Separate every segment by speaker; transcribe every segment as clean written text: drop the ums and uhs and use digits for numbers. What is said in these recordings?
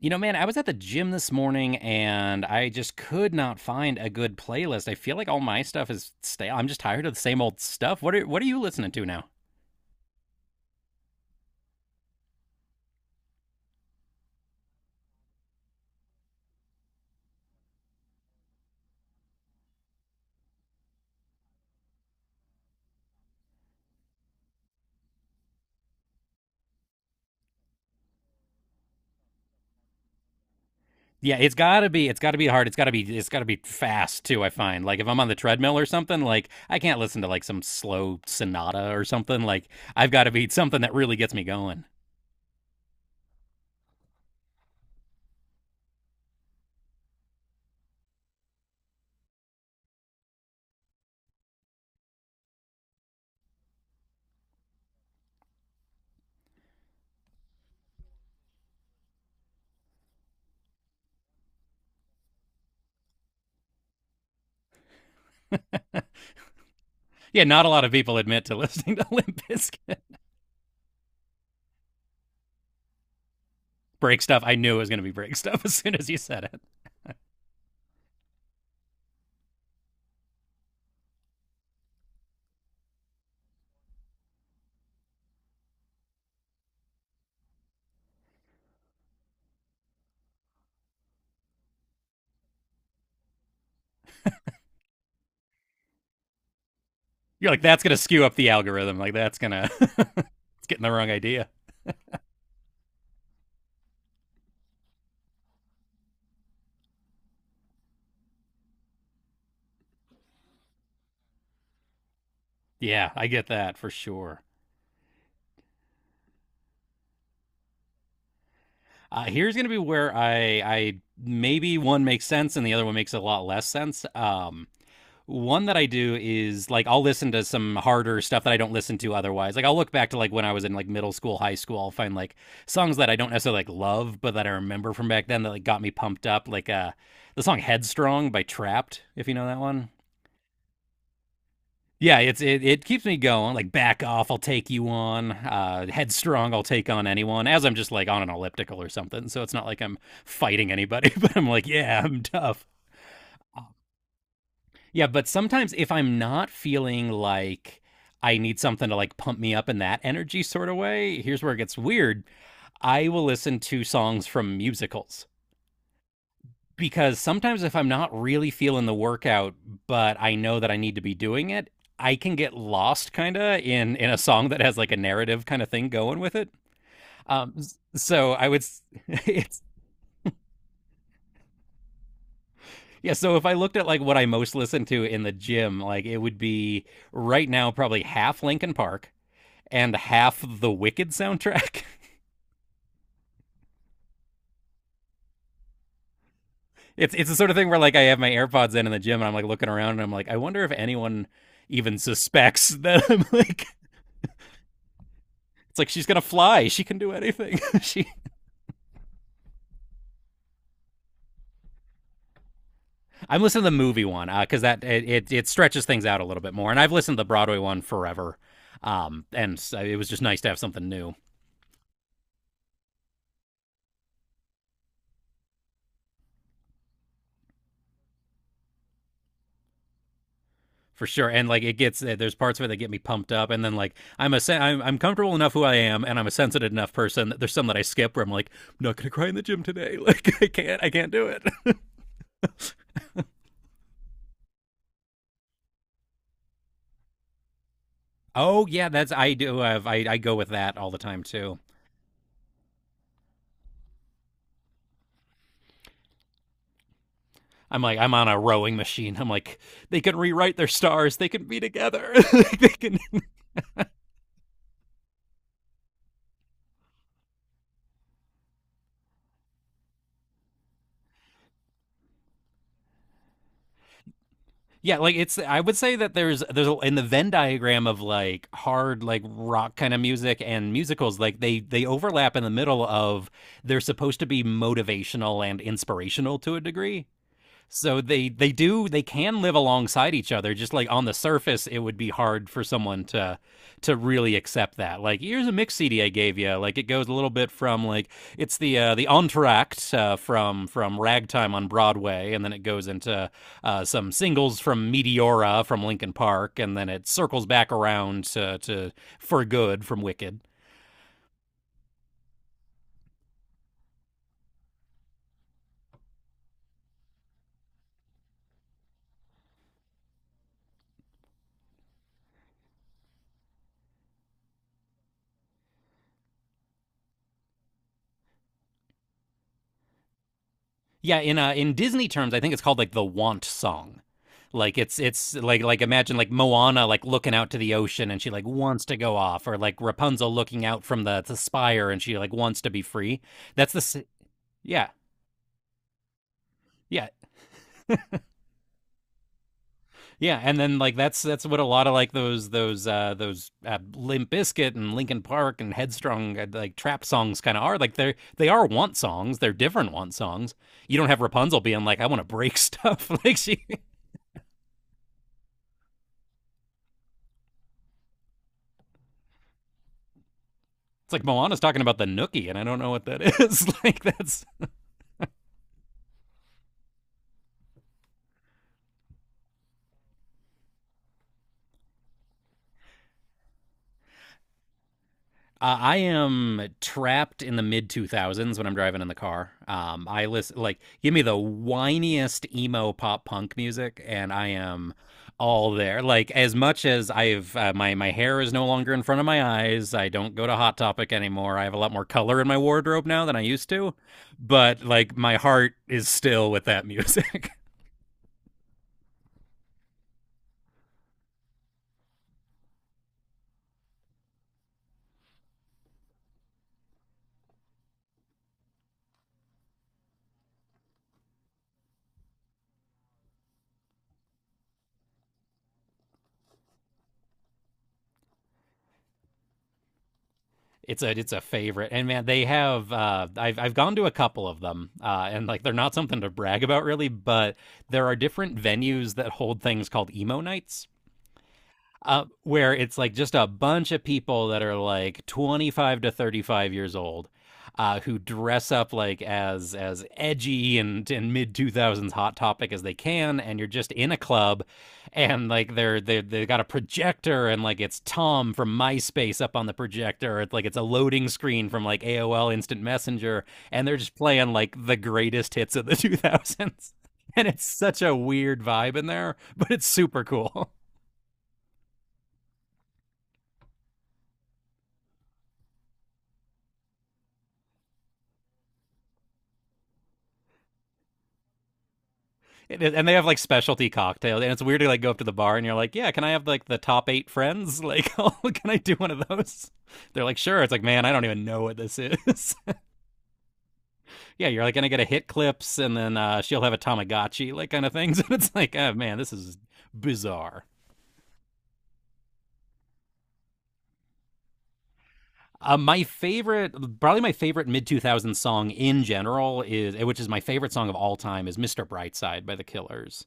Speaker 1: You know, man, I was at the gym this morning and I just could not find a good playlist. I feel like all my stuff is stale. I'm just tired of the same old stuff. What are you listening to now? Yeah, it's gotta be hard. It's gotta be fast too, I find. Like if I'm on the treadmill or something, like I can't listen to like some slow sonata or something. Like I've gotta be something that really gets me going. Yeah, not a lot of people admit to listening to Limp Bizkit. Break stuff. I knew it was gonna be break stuff as soon as you said it. You're like, that's going to skew up the algorithm. Like, that's going to, it's getting the wrong idea. Yeah, I get that for sure. Here's going to be where I maybe one makes sense and the other one makes a lot less sense. One that I do is like I'll listen to some harder stuff that I don't listen to otherwise. Like I'll look back to like when I was in like middle school, high school, I'll find like songs that I don't necessarily like love, but that I remember from back then that like got me pumped up. Like the song Headstrong by Trapped, if you know that one. Yeah, it keeps me going. Like back off, I'll take you on. Headstrong, I'll take on anyone. As I'm just like on an elliptical or something, so it's not like I'm fighting anybody, but I'm like, yeah, I'm tough. Yeah, but sometimes if I'm not feeling like I need something to like pump me up in that energy sort of way, here's where it gets weird. I will listen to songs from musicals because sometimes if I'm not really feeling the workout, but I know that I need to be doing it, I can get lost kind of in a song that has like a narrative kind of thing going with it. Um, so I would, it's Yeah. So if I looked at like what I most listen to in the gym, like it would be right now probably half Linkin Park and half the Wicked soundtrack. It's the sort of thing where like I have my AirPods in the gym and I'm like looking around and I'm like I wonder if anyone even suspects that I'm like it's like she's gonna fly. She can do anything. she. I'm listening to the movie one because that it stretches things out a little bit more. And I've listened to the Broadway one forever, and so it was just nice to have something new. For sure. And like it gets eh, there's parts of it that get me pumped up, and then like I'm comfortable enough who I am, and I'm a sensitive enough person that there's some that I skip where I'm like I'm not gonna cry in the gym today. Like I can't do it. Oh yeah, that's I do have I go with that all the time too. I'm like I'm on a rowing machine. I'm like they can rewrite their stars. They can be together. they can. Yeah, like it's I would say that in the Venn diagram of like hard like rock kind of music and musicals like they overlap in the middle of they're supposed to be motivational and inspirational to a degree so they can live alongside each other. Just like on the surface, it would be hard for someone to really accept that. Like here's a mix CD I gave you. Like it goes a little bit from like it's the entr'acte from Ragtime on Broadway, and then it goes into some singles from Meteora from Linkin Park, and then it circles back around to For Good from Wicked. Yeah, in Disney terms, I think it's called like the want song. Like it's like imagine like Moana like looking out to the ocean and she like wants to go off, or like Rapunzel looking out from the spire and she like wants to be free. That's the s- yeah yeah Yeah, and then like that's what a lot of like those Limp Bizkit and Linkin Park and Headstrong like trap songs kind of are. Like they are want songs. They're different want songs. You don't have Rapunzel being like I want to break stuff. like she. It's like Moana's talking about the Nookie, and I don't know what that is. like that's. I am trapped in the mid two thousands when I'm driving in the car. I listen like give me the whiniest emo pop punk music, and I am all there. Like as much as I've my hair is no longer in front of my eyes. I don't go to Hot Topic anymore. I have a lot more color in my wardrobe now than I used to, but like my heart is still with that music. It's a favorite, and man, they have. I've gone to a couple of them, and like they're not something to brag about really, but there are different venues that hold things called emo nights, where it's like just a bunch of people that are like 25 to 35 years old who dress up like as edgy and mid 2000s hot topic as they can and you're just in a club and like they got a projector and like it's Tom from MySpace up on the projector it's like it's a loading screen from like AOL Instant Messenger and they're just playing like the greatest hits of the 2000s and it's such a weird vibe in there but it's super cool. It is, and they have like specialty cocktails, and it's weird to like go up to the bar and you're like, "Yeah, can I have like the top eight friends? Like, oh, can I do one of those?" They're like, "Sure." It's like, man, I don't even know what this is. Yeah, you're like gonna get a hit clips, and then she'll have a Tamagotchi, like kind of things, and it's like, oh man, this is bizarre. Uh, my favorite, Probably my favorite mid 2000s song in general is, which is my favorite song of all time, is "Mr. Brightside" by the Killers.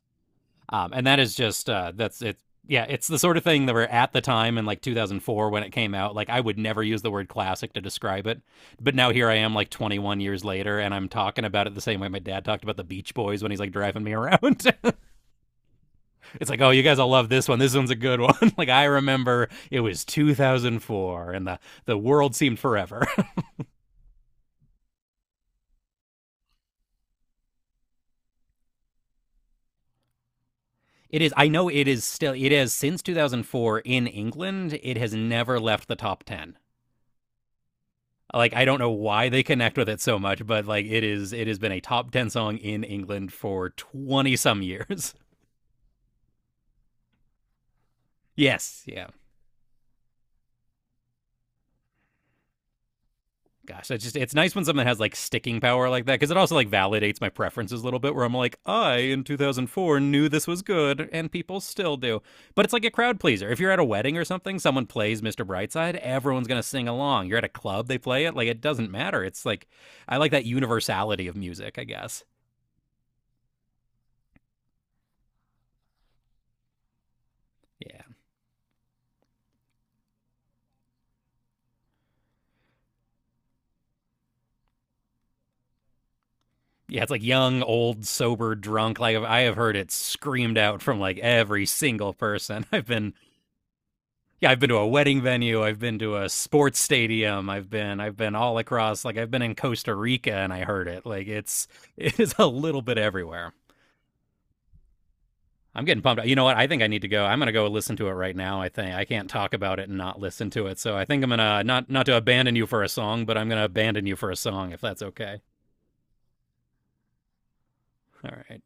Speaker 1: And that is just that's it. Yeah, it's the sort of thing that were at the time in like 2004 when it came out. Like I would never use the word classic to describe it, but now here I am, like 21 years later, and I'm talking about it the same way my dad talked about the Beach Boys when he's like driving me around. it's like, oh, you guys all love this one. This one's a good one. like I remember it was 2004, and the world seemed forever. it is. I know it is still. It is since 2004 in England. It has never left the top 10. Like I don't know why they connect with it so much, but like it is it has been a top 10 song in England for 20 some years. yes, yeah. Gosh, it's just it's nice when something has like sticking power like that because it also like validates my preferences a little bit where I'm like, I in 2004 knew this was good and people still do. But it's like a crowd pleaser. If you're at a wedding or something, someone plays Mr. Brightside, everyone's going to sing along. You're at a club, they play it, like it doesn't matter. It's like I like that universality of music, I guess. Yeah. Yeah, it's like young, old, sober, drunk. Like I have heard it screamed out from like every single person. I've been yeah, I've been to a wedding venue, I've been to a sports stadium, I've been all across like I've been in Costa Rica and I heard it. Like it's it is a little bit everywhere. I'm getting pumped. You know what? I think I need to go. I'm gonna go listen to it right now. I think I can't talk about it and not listen to it. So I think I'm gonna not not to abandon you for a song, but I'm gonna abandon you for a song if that's okay. All right.